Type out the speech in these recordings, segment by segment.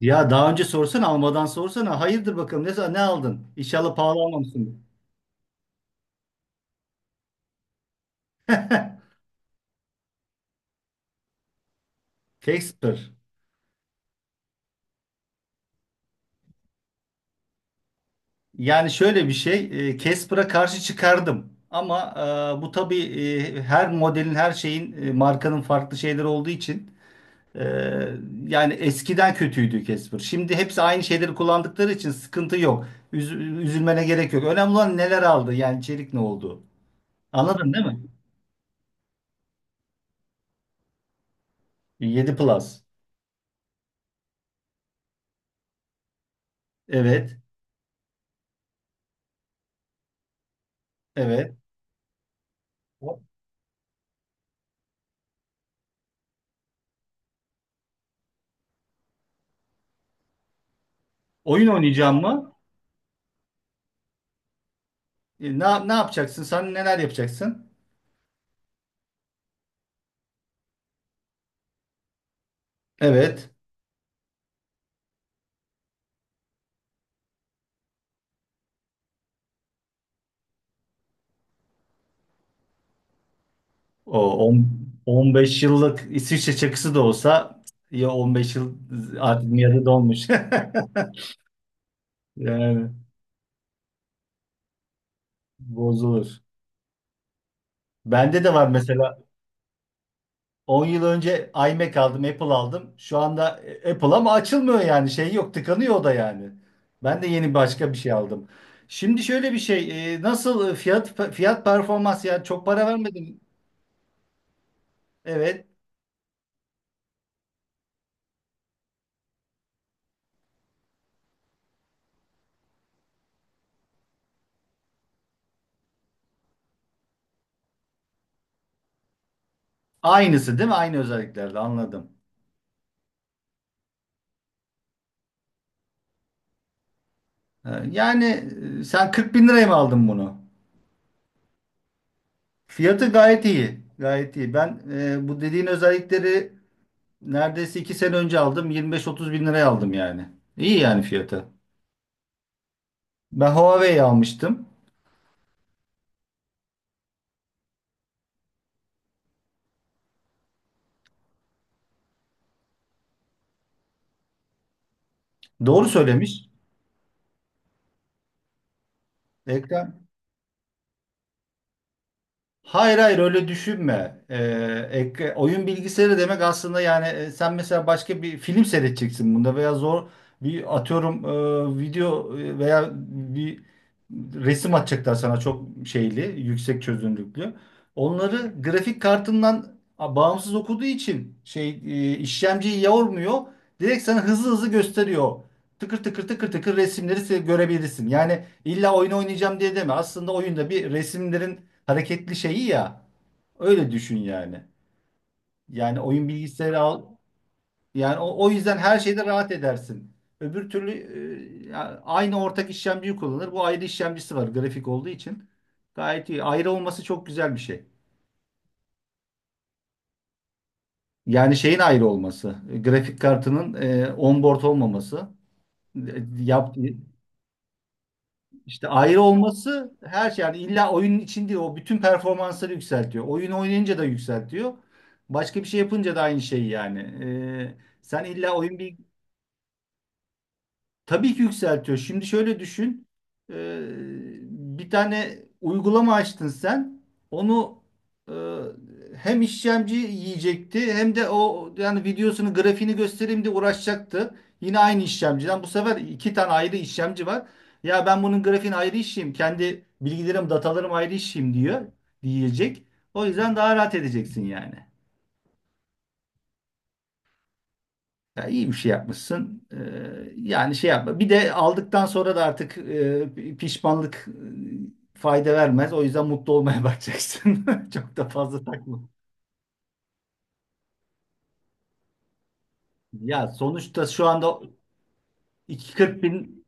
Ya daha önce sorsana, almadan sorsana. Hayırdır bakalım, ne aldın? İnşallah pahalı almamışsın. Casper. Yani şöyle bir şey. Casper'a karşı çıkardım. Ama bu tabii her modelin, her şeyin, markanın farklı şeyleri olduğu için, e, yani eskiden kötüydü Casper. Şimdi hepsi aynı şeyleri kullandıkları için sıkıntı yok. Üz- üzülmene gerek yok. Önemli olan neler aldı, yani içerik ne oldu. Anladın, değil mi? 7 Plus. Evet. Evet. Oyun oynayacağım mı? Ne yapacaksın? Sen neler yapacaksın? Evet. O on- 15 yıllık İsviçre çakısı da olsa, ya 15 yıl artık yarı dolmuş. Yani bozulur. Bende de var mesela. 10 yıl önce iMac aldım, Apple aldım. Şu anda Apple ama açılmıyor, yani şey yok, tıkanıyor o da yani. Ben de yeni başka bir şey aldım. Şimdi şöyle bir şey, nasıl, fiyat performans, yani çok para vermedim. Evet. Aynısı değil mi? Aynı özelliklerde, anladım. Yani, sen 40 bin liraya mı aldın bunu? Fiyatı gayet iyi. Gayet iyi. Ben bu dediğin özellikleri neredeyse 2 sene önce aldım. 25-30 bin liraya aldım yani. İyi yani fiyatı. Ben Huawei almıştım. Doğru söylemiş. Ekran Hayır, hayır, öyle düşünme. Oyun bilgisayarı demek aslında, yani sen mesela başka bir film seyredeceksin bunda, veya zor bir, atıyorum, video, veya bir resim atacaklar sana çok şeyli, yüksek çözünürlüklü. Onları grafik kartından bağımsız okuduğu için, şey, işlemciyi yormuyor. Direkt sana hızlı hızlı gösteriyor. Tıkır tıkır tıkır hareketli şeyi ya. Öyle düşün yani. Yani oyun bilgisayarı al. Yani o yüzden her şeyde rahat edersin. Öbür türlü aynı ortak işlemciyi kullanır. Bu, ayrı işlemcisi var grafik olduğu için. Gayet iyi. Ayrı olması çok güzel bir şey. Yani şeyin ayrı olması. Grafik kartının, onboard olmaması. E, Yap, İşte ayrı olması her şey, yani illa oyunun içinde o bütün performansları yükseltiyor. Oyun oynayınca da yükseltiyor. Başka bir şey yapınca da aynı şey yani. Sen illa oyun bir. Tabii ki yükseltiyor. Şimdi şöyle düşün. Ee, Bir tane uygulama açtın sen. Onu e, hem işlemci yiyecekti, hem de o yani videosunu, grafiğini göstereyim diye uğraşacaktı. Yine aynı işlemciden. Bu sefer 2 tane ayrı işlemci var. Ya ben bunun grafiğini ayrı işleyeyim. Kendi bilgilerim, datalarım ayrı işleyeyim diyor. Diyecek. O yüzden daha rahat edeceksin yani. Ya iyi bir şey yapmışsın. Yani şey yapma. Bir de aldıktan sonra da artık pişmanlık, fayda vermez. O yüzden mutlu olmaya bakacaksın. Çok da fazla takma. Ya sonuçta şu anda 40 bin,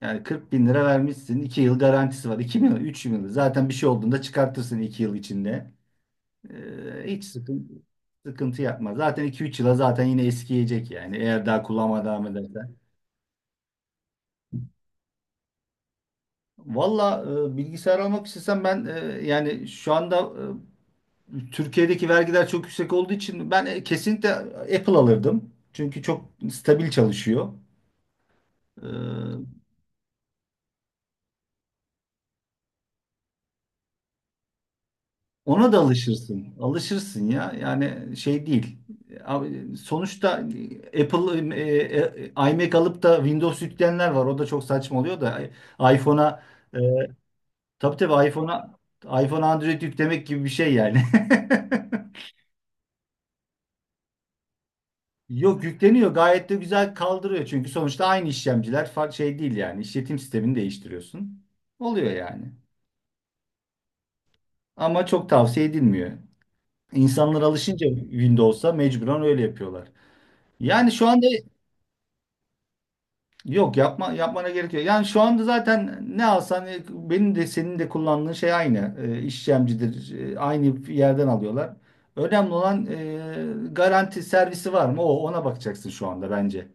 yani 40 bin lira vermişsin. 2 yıl garantisi var. 2 yıl, 3 yıl. Zaten bir şey olduğunda çıkartırsın 2 yıl içinde. Hiç sıkıntı yapma. Zaten 2-3 yıla zaten yine eskiyecek yani. Eğer daha kullanmaya devam edersen. Valla bilgisayar almak istesem, ben yani şu anda, Türkiye'deki vergiler çok yüksek olduğu için ben kesinlikle Apple alırdım. Çünkü çok stabil çalışıyor. E, ona da alışırsın. Alışırsın ya. Yani şey değil. Abi, sonuçta Apple, iMac alıp da Windows yükleyenler var. O da çok saçma oluyor da, iPhone'a, e, tabii tabii iPhone'a, iPhone Android yüklemek gibi bir şey yani. Yok, yükleniyor, gayet de güzel kaldırıyor çünkü sonuçta aynı işlemciler, farklı şey değil yani, işletim sistemini değiştiriyorsun. Oluyor yani. Ama çok tavsiye edilmiyor. İnsanlar alışınca Windows'a mecburen öyle yapıyorlar. Yani şu anda yok, yapma, yapmana gerek yok. Yani şu anda zaten ne alsan benim de senin de kullandığın şey aynı. İşlemcidir. Aynı yerden alıyorlar. Önemli olan, garanti servisi var mı? O, ona bakacaksın şu anda bence.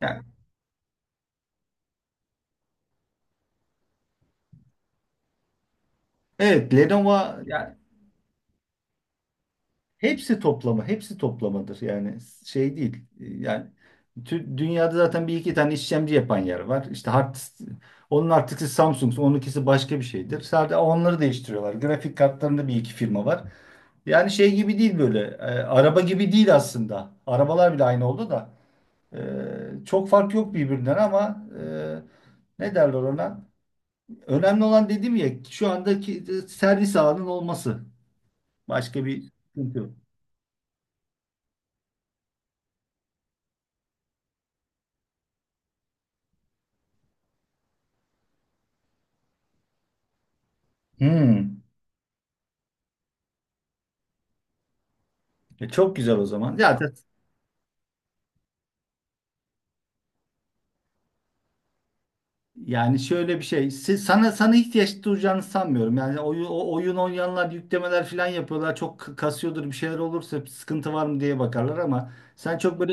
Yani, evet Lenovo, yani hepsi toplama, hepsi toplamadır. Yani şey değil. Yani, dünyada zaten bir iki tane işlemci yapan yer var. İşte hard, onun artıkisi Samsung, onunkisi başka bir şeydir. Sadece onları değiştiriyorlar. Grafik kartlarında bir iki firma var. Yani şey gibi değil böyle. Araba gibi değil aslında. Arabalar bile aynı oldu da. E, Çok fark yok birbirinden ama, ne derler ona? Önemli olan, dedim ya, şu andaki servis ağının olması. Başka bir sıkıntı yok. Hmm. Çok güzel o zaman. Zaten yani şöyle bir şey. Siz, sana sana ihtiyaç duyacağını sanmıyorum. Yani oyun, oyun oynayanlar yüklemeler falan yapıyorlar. Çok kasıyordur, bir şeyler olursa sıkıntı var mı diye bakarlar, ama sen çok böyle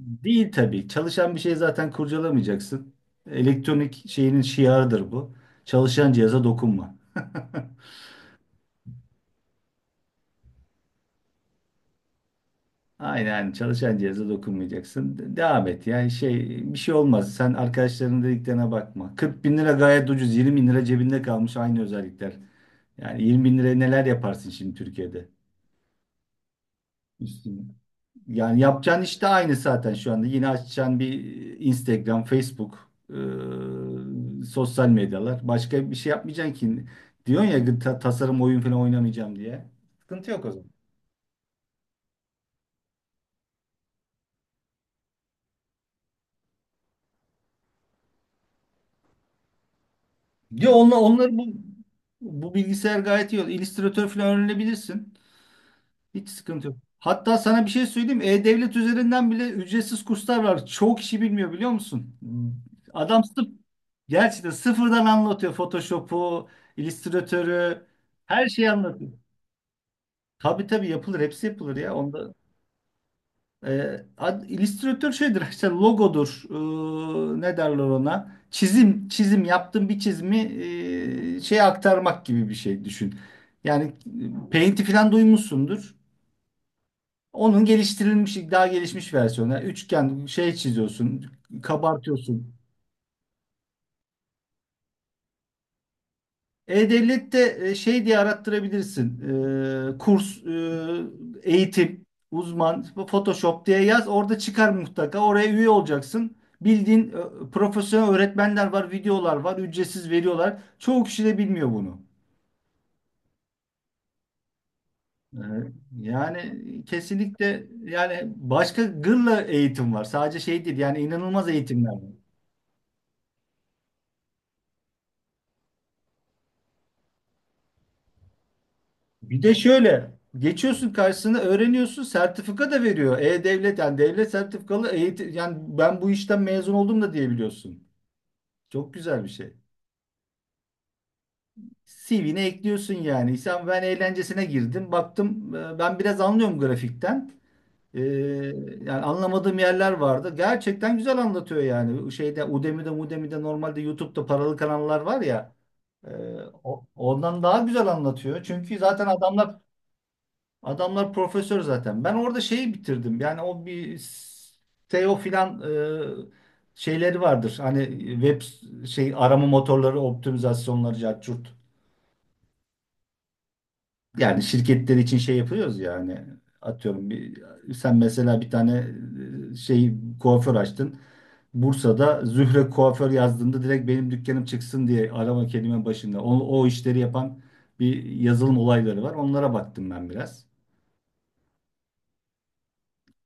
değil tabii. Çalışan bir şey zaten kurcalamayacaksın. Elektronik şeyinin şiarıdır bu. Çalışan cihaza dokunma. Aynen, çalışan cihaza dokunmayacaksın. Devam et, yani şey, bir şey olmaz. Sen arkadaşlarının dediklerine bakma. 40 bin lira gayet ucuz. 20 bin lira cebinde kalmış, aynı özellikler. Yani 20 bin liraya neler yaparsın şimdi Türkiye'de? Üstüne. Yani yapacağın iş de aynı zaten şu anda. Yine açacaksın bir Instagram, Facebook, sosyal medyalar. Başka bir şey yapmayacaksın ki. Diyorsun ya, tasarım, oyun falan oynamayacağım diye. Sıkıntı yok o zaman. Diyor onlar, onları bu, bilgisayar gayet iyi. Illustrator falan öğrenebilirsin. Hiç sıkıntı yok. Hatta sana bir şey söyleyeyim. E-Devlet üzerinden bile ücretsiz kurslar var. Çoğu kişi bilmiyor, biliyor musun? Adam sırf, gerçekten sıfırdan anlatıyor. Photoshop'u, Illustrator'ı, her şeyi anlatıyor. Tabii tabii yapılır. Hepsi yapılır ya. Onda illüstratör şeydir işte, logodur. Ne derler ona? Çizim yaptığım bir çizimi şeye aktarmak gibi bir şey düşün. Yani Paint'i falan duymuşsundur. Onun geliştirilmiş, daha gelişmiş versiyonu. Yani üçgen şey çiziyorsun, kabartıyorsun. E-Devlet'te şey diye arattırabilirsin. Kurs, eğitim, uzman, Photoshop diye yaz. Orada çıkar mutlaka. Oraya üye olacaksın. Bildiğin profesyonel öğretmenler var, videolar var, ücretsiz veriyorlar. Çoğu kişi de bilmiyor bunu. E, Yani kesinlikle yani başka gırla eğitim var. Sadece şey değil, yani inanılmaz eğitimler var. Bir de şöyle, geçiyorsun karşısına, öğreniyorsun, sertifika da veriyor. E-Devlet yani, devlet sertifikalı eğitim, yani ben bu işten mezun oldum da diyebiliyorsun. Çok güzel bir şey. CV'ne ekliyorsun yani. Sen, ben eğlencesine girdim. Baktım, ben biraz anlıyorum grafikten. E, Yani anlamadığım yerler vardı. Gerçekten güzel anlatıyor yani. Şeyde Udemy'de normalde YouTube'da paralı kanallar var ya. e, Ondan daha güzel anlatıyor. Çünkü zaten adamlar profesör zaten. Ben orada şeyi bitirdim. Yani o bir SEO filan şeyleri vardır. Hani web şey, arama motorları optimizasyonları, cart. Yani şirketler için şey yapıyoruz ya, hani atıyorum bir, sen mesela bir tane şey, kuaför açtın. Bursa'da Zühre kuaför yazdığında direkt benim dükkanım çıksın diye arama kelime başında. O işleri yapan bir yazılım olayları var. Onlara baktım ben biraz.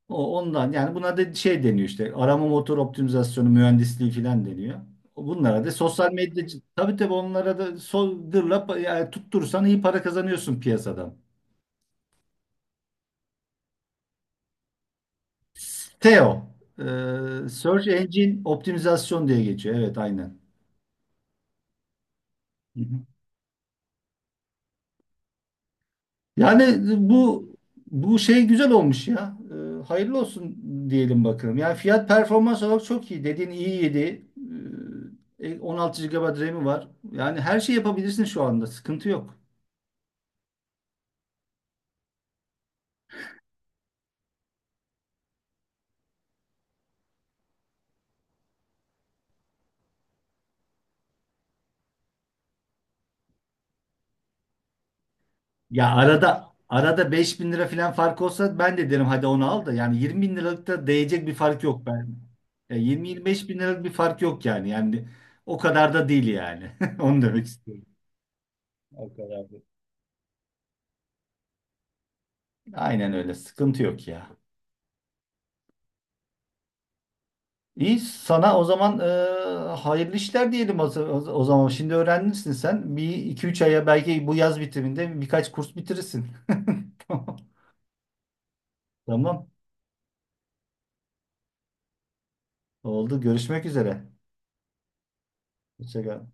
Ondan yani, buna da şey deniyor işte, arama motor optimizasyonu mühendisliği falan deniyor. Bunlara da sosyal medya, tabii tabii onlara da soldırla, yani tutturursan iyi para kazanıyorsun piyasadan. SEO, o, Search Engine Optimizasyon diye geçiyor. Evet aynen. Hı hı. Yani bu, şey güzel olmuş ya. Hayırlı olsun diyelim bakalım. Yani fiyat performans olarak çok iyi. Dediğin iyiydi. 16 GB RAM'i var. Yani her şey yapabilirsin şu anda. Sıkıntı yok. Ya arada arada 5 bin lira falan fark olsa ben de derim hadi onu al da, yani 20 bin liralık da değecek bir fark yok, ben. Ya 20-25 bin liralık bir fark yok yani. Yani o kadar da değil yani. Onu demek istiyorum. O kadar da. Aynen öyle. Sıkıntı yok ya. İyi sana o zaman, hayırlı işler diyelim o zaman. Şimdi öğrenmişsin sen. Bir iki üç aya, belki bu yaz bitiminde birkaç kurs bitirirsin. Tamam. Oldu. Görüşmek üzere. Hoşça kal.